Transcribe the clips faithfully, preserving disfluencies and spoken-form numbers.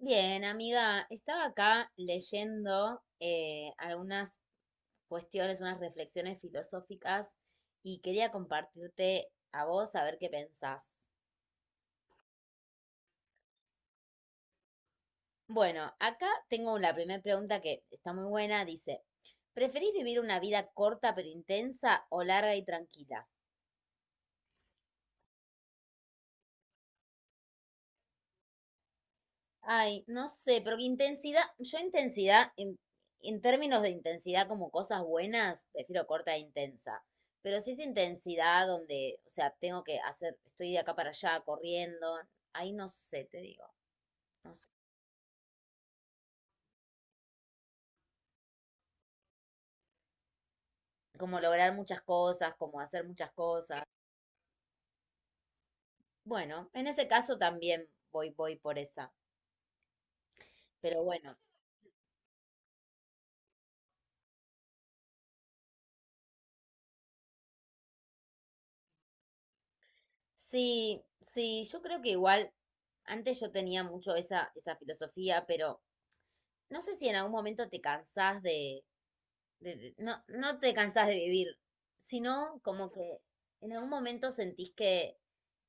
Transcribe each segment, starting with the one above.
Bien, amiga, estaba acá leyendo eh, algunas cuestiones, unas reflexiones filosóficas y quería compartirte a vos a ver qué pensás. Bueno, acá tengo la primera pregunta que está muy buena, dice, ¿preferís vivir una vida corta pero intensa o larga y tranquila? Ay, no sé, pero intensidad, yo intensidad, en, en términos de intensidad como cosas buenas, prefiero corta e intensa. Pero si es intensidad donde, o sea, tengo que hacer, estoy de acá para allá corriendo, ahí no sé, te digo, no sé. Como lograr muchas cosas, como hacer muchas cosas. Bueno, en ese caso también voy, voy por esa. Pero bueno, sí, sí, yo creo que igual, antes yo tenía mucho esa, esa filosofía, pero no sé si en algún momento te cansás de de- de- no, no te cansás de vivir, sino como que en algún momento sentís que,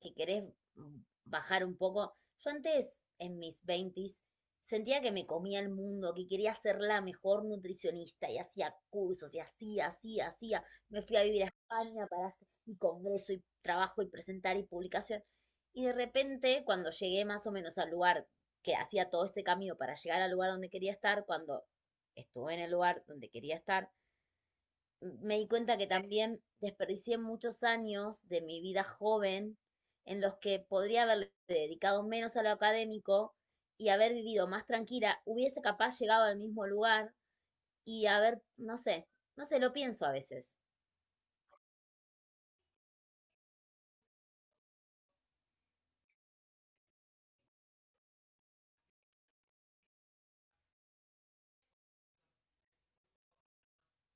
que querés mm, bajar un poco. Yo antes, en mis veintis, sentía que me comía el mundo, que quería ser la mejor nutricionista y hacía cursos y hacía, hacía, hacía. Me fui a vivir a España para hacer mi congreso y trabajo y presentar y publicación. Y de repente, cuando llegué más o menos al lugar que hacía todo este camino para llegar al lugar donde quería estar, cuando estuve en el lugar donde quería estar, me di cuenta que también desperdicié muchos años de mi vida joven en los que podría haberle dedicado menos a lo académico y haber vivido más tranquila, hubiese capaz llegado al mismo lugar y haber, no sé, no sé, lo pienso a veces.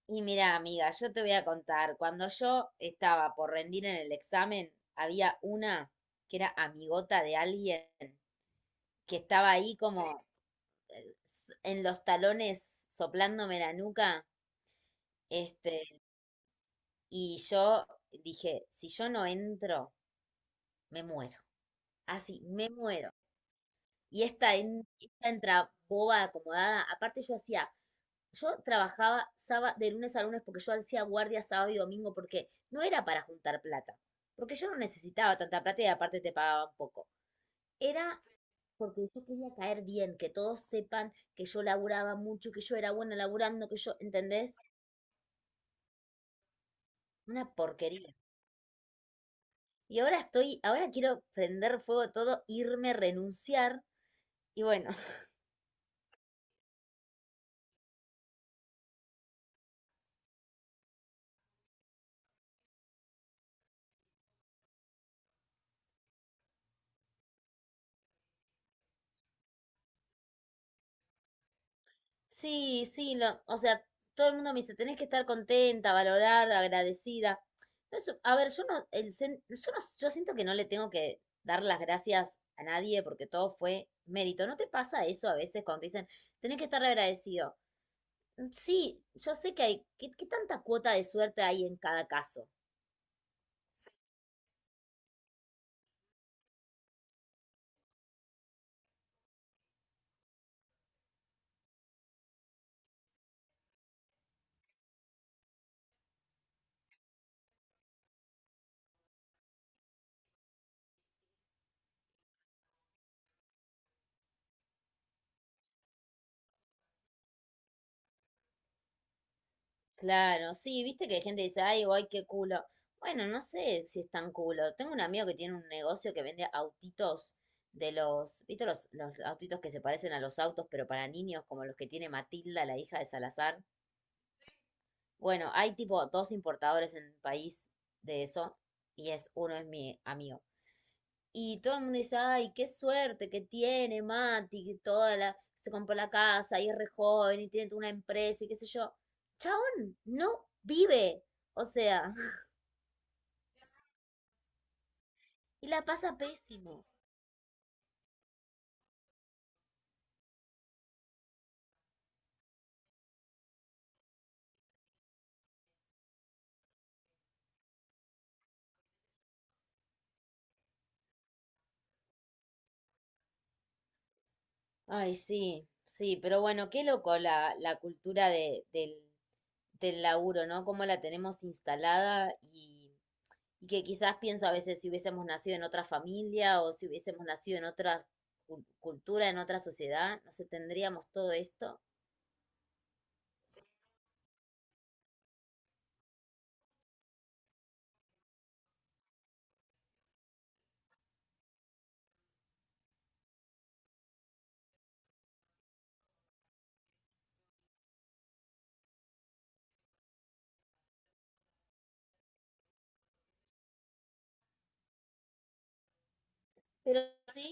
Y mira, amiga, yo te voy a contar, cuando yo estaba por rendir en el examen, había una que era amigota de alguien que estaba ahí como eh, s- en los talones soplándome la nuca, este, y yo dije, si yo no entro, me muero. Así, me muero. Y esta, en, esta entra boba, acomodada. Aparte yo hacía, yo trabajaba sábado, de lunes a lunes porque yo hacía guardia sábado y domingo porque no era para juntar plata. Porque yo no necesitaba tanta plata y aparte te pagaban poco. Era porque yo quería caer bien, que todos sepan que yo laburaba mucho, que yo era buena laburando, que yo, ¿entendés? Una porquería. Y ahora estoy, ahora quiero prender fuego todo, irme, renunciar. Y bueno, sí, sí, lo, o sea, todo el mundo me dice, tenés que estar contenta, valorar, agradecida. No es- A ver, yo no, el, sen- yo no- yo siento que no le tengo que dar las gracias a nadie porque todo fue mérito. ¿No te pasa eso a veces cuando te dicen, tenés que estar agradecido? Mm, Sí, yo sé que hay, ¿qué, qué tanta cuota de suerte hay en cada caso? Claro, sí, viste que hay gente que dice, ay, ay, qué culo. Bueno, no sé si es tan culo. Tengo un amigo que tiene un negocio que vende autitos de los, viste los, los autitos que se parecen a los autos, pero para niños, como los que tiene Matilda, la hija de Salazar. Bueno, hay tipo dos importadores en el país de eso, y es, uno es mi amigo. Y todo el mundo dice, ay, qué suerte que tiene Mati, que toda la, se compró la casa y es re joven y tiene toda una empresa y qué sé yo. Chabón, no vive. O sea, y la pasa pésimo. Ay, sí, sí, pero bueno, qué loco la, la cultura de, del, del laburo, ¿no? Cómo la tenemos instalada y, y que quizás pienso a veces si hubiésemos nacido en otra familia o si hubiésemos nacido en otra cul- cultura, en otra sociedad, no sé, tendríamos todo esto. Pero sí,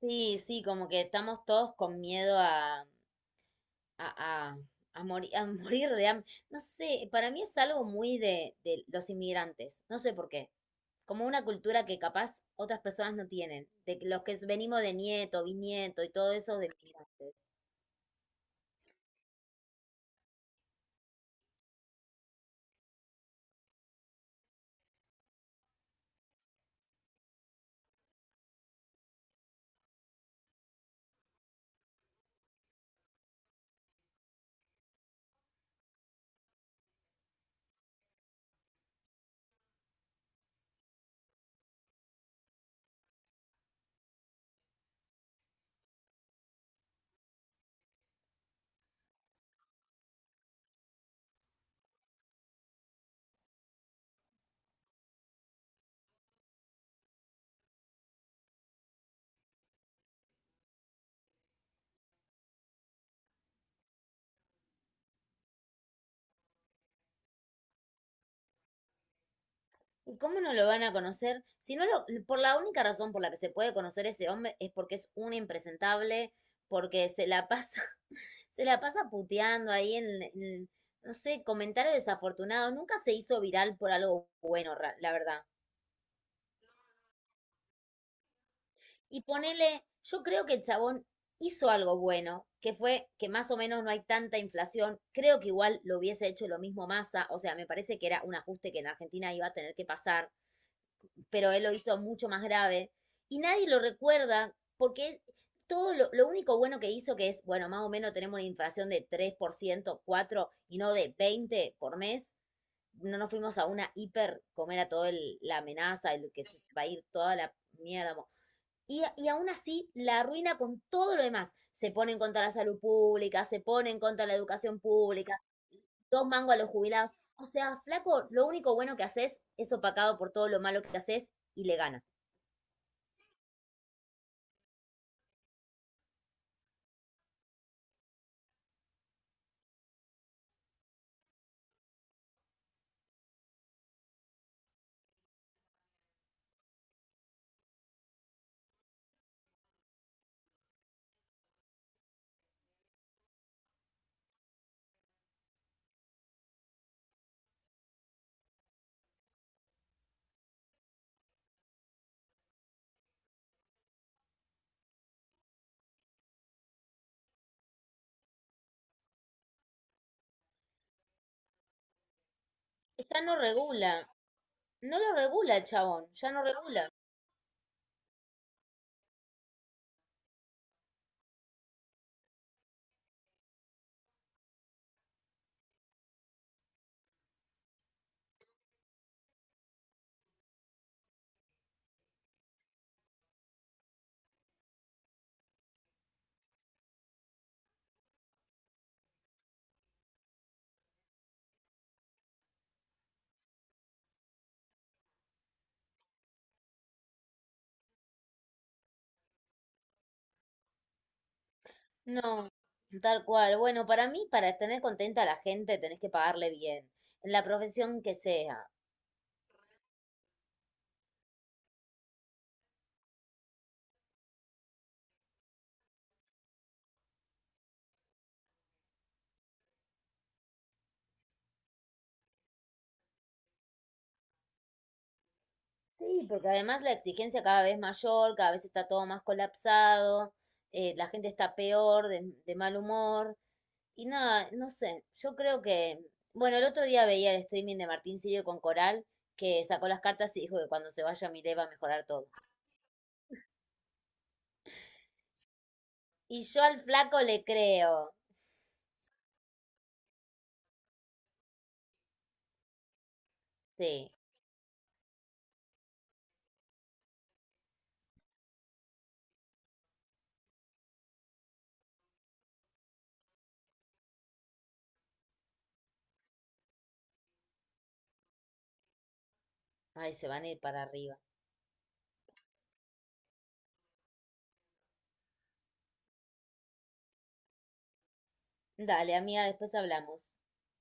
sí, sí, como que estamos todos con miedo a, a, a, a mori- a morir de hambre. No sé, para mí es algo muy de, de los inmigrantes, no sé por qué. Como una cultura que capaz otras personas no tienen, de que los que venimos de nieto, bisnieto y todo eso de inmigrantes. ¿Y cómo no lo van a conocer? Si no lo, por la única razón por la que se puede conocer ese hombre es porque es un impresentable, porque se la pasa, se la pasa puteando ahí en, en, no sé, comentario desafortunado. Nunca se hizo viral por algo bueno, ra- la verdad. Y ponele, yo creo que el chabón hizo algo bueno, que fue que más o menos no hay tanta inflación. Creo que igual lo hubiese hecho lo mismo Massa, o sea, me parece que era un ajuste que en Argentina iba a tener que pasar, pero él lo hizo mucho más grave. Y nadie lo recuerda porque todo lo, lo único bueno que hizo, que es, bueno, más o menos tenemos una inflación de tres por ciento, cuatro por ciento y no de veinte por ciento por mes, no nos fuimos a una hiper, comer a toda la amenaza, el que se va a ir toda la mierda. Y, y, aún así la arruina con todo lo demás. Se pone en contra de la salud pública, se pone en contra de la educación pública, dos mangos a los jubilados. O sea, flaco, lo único bueno que haces es opacado por todo lo malo que haces y le ganas. Ya no regula, no lo regula el chabón, ya no regula. No, tal cual. Bueno, para mí, para tener contenta a la gente, tenés que pagarle bien, en la profesión que sea. Sí, porque además la exigencia cada vez mayor, cada vez está todo más colapsado, eh, la gente está peor, de, de mal humor. Y nada, no sé, yo creo que, bueno, el otro día veía el streaming de Martín Sirio con Coral, que sacó las cartas y dijo que cuando se vaya Milei va a mejorar todo. Y yo al flaco le creo, sí. Ay, se van a ir para arriba. Dale, amiga, después hablamos.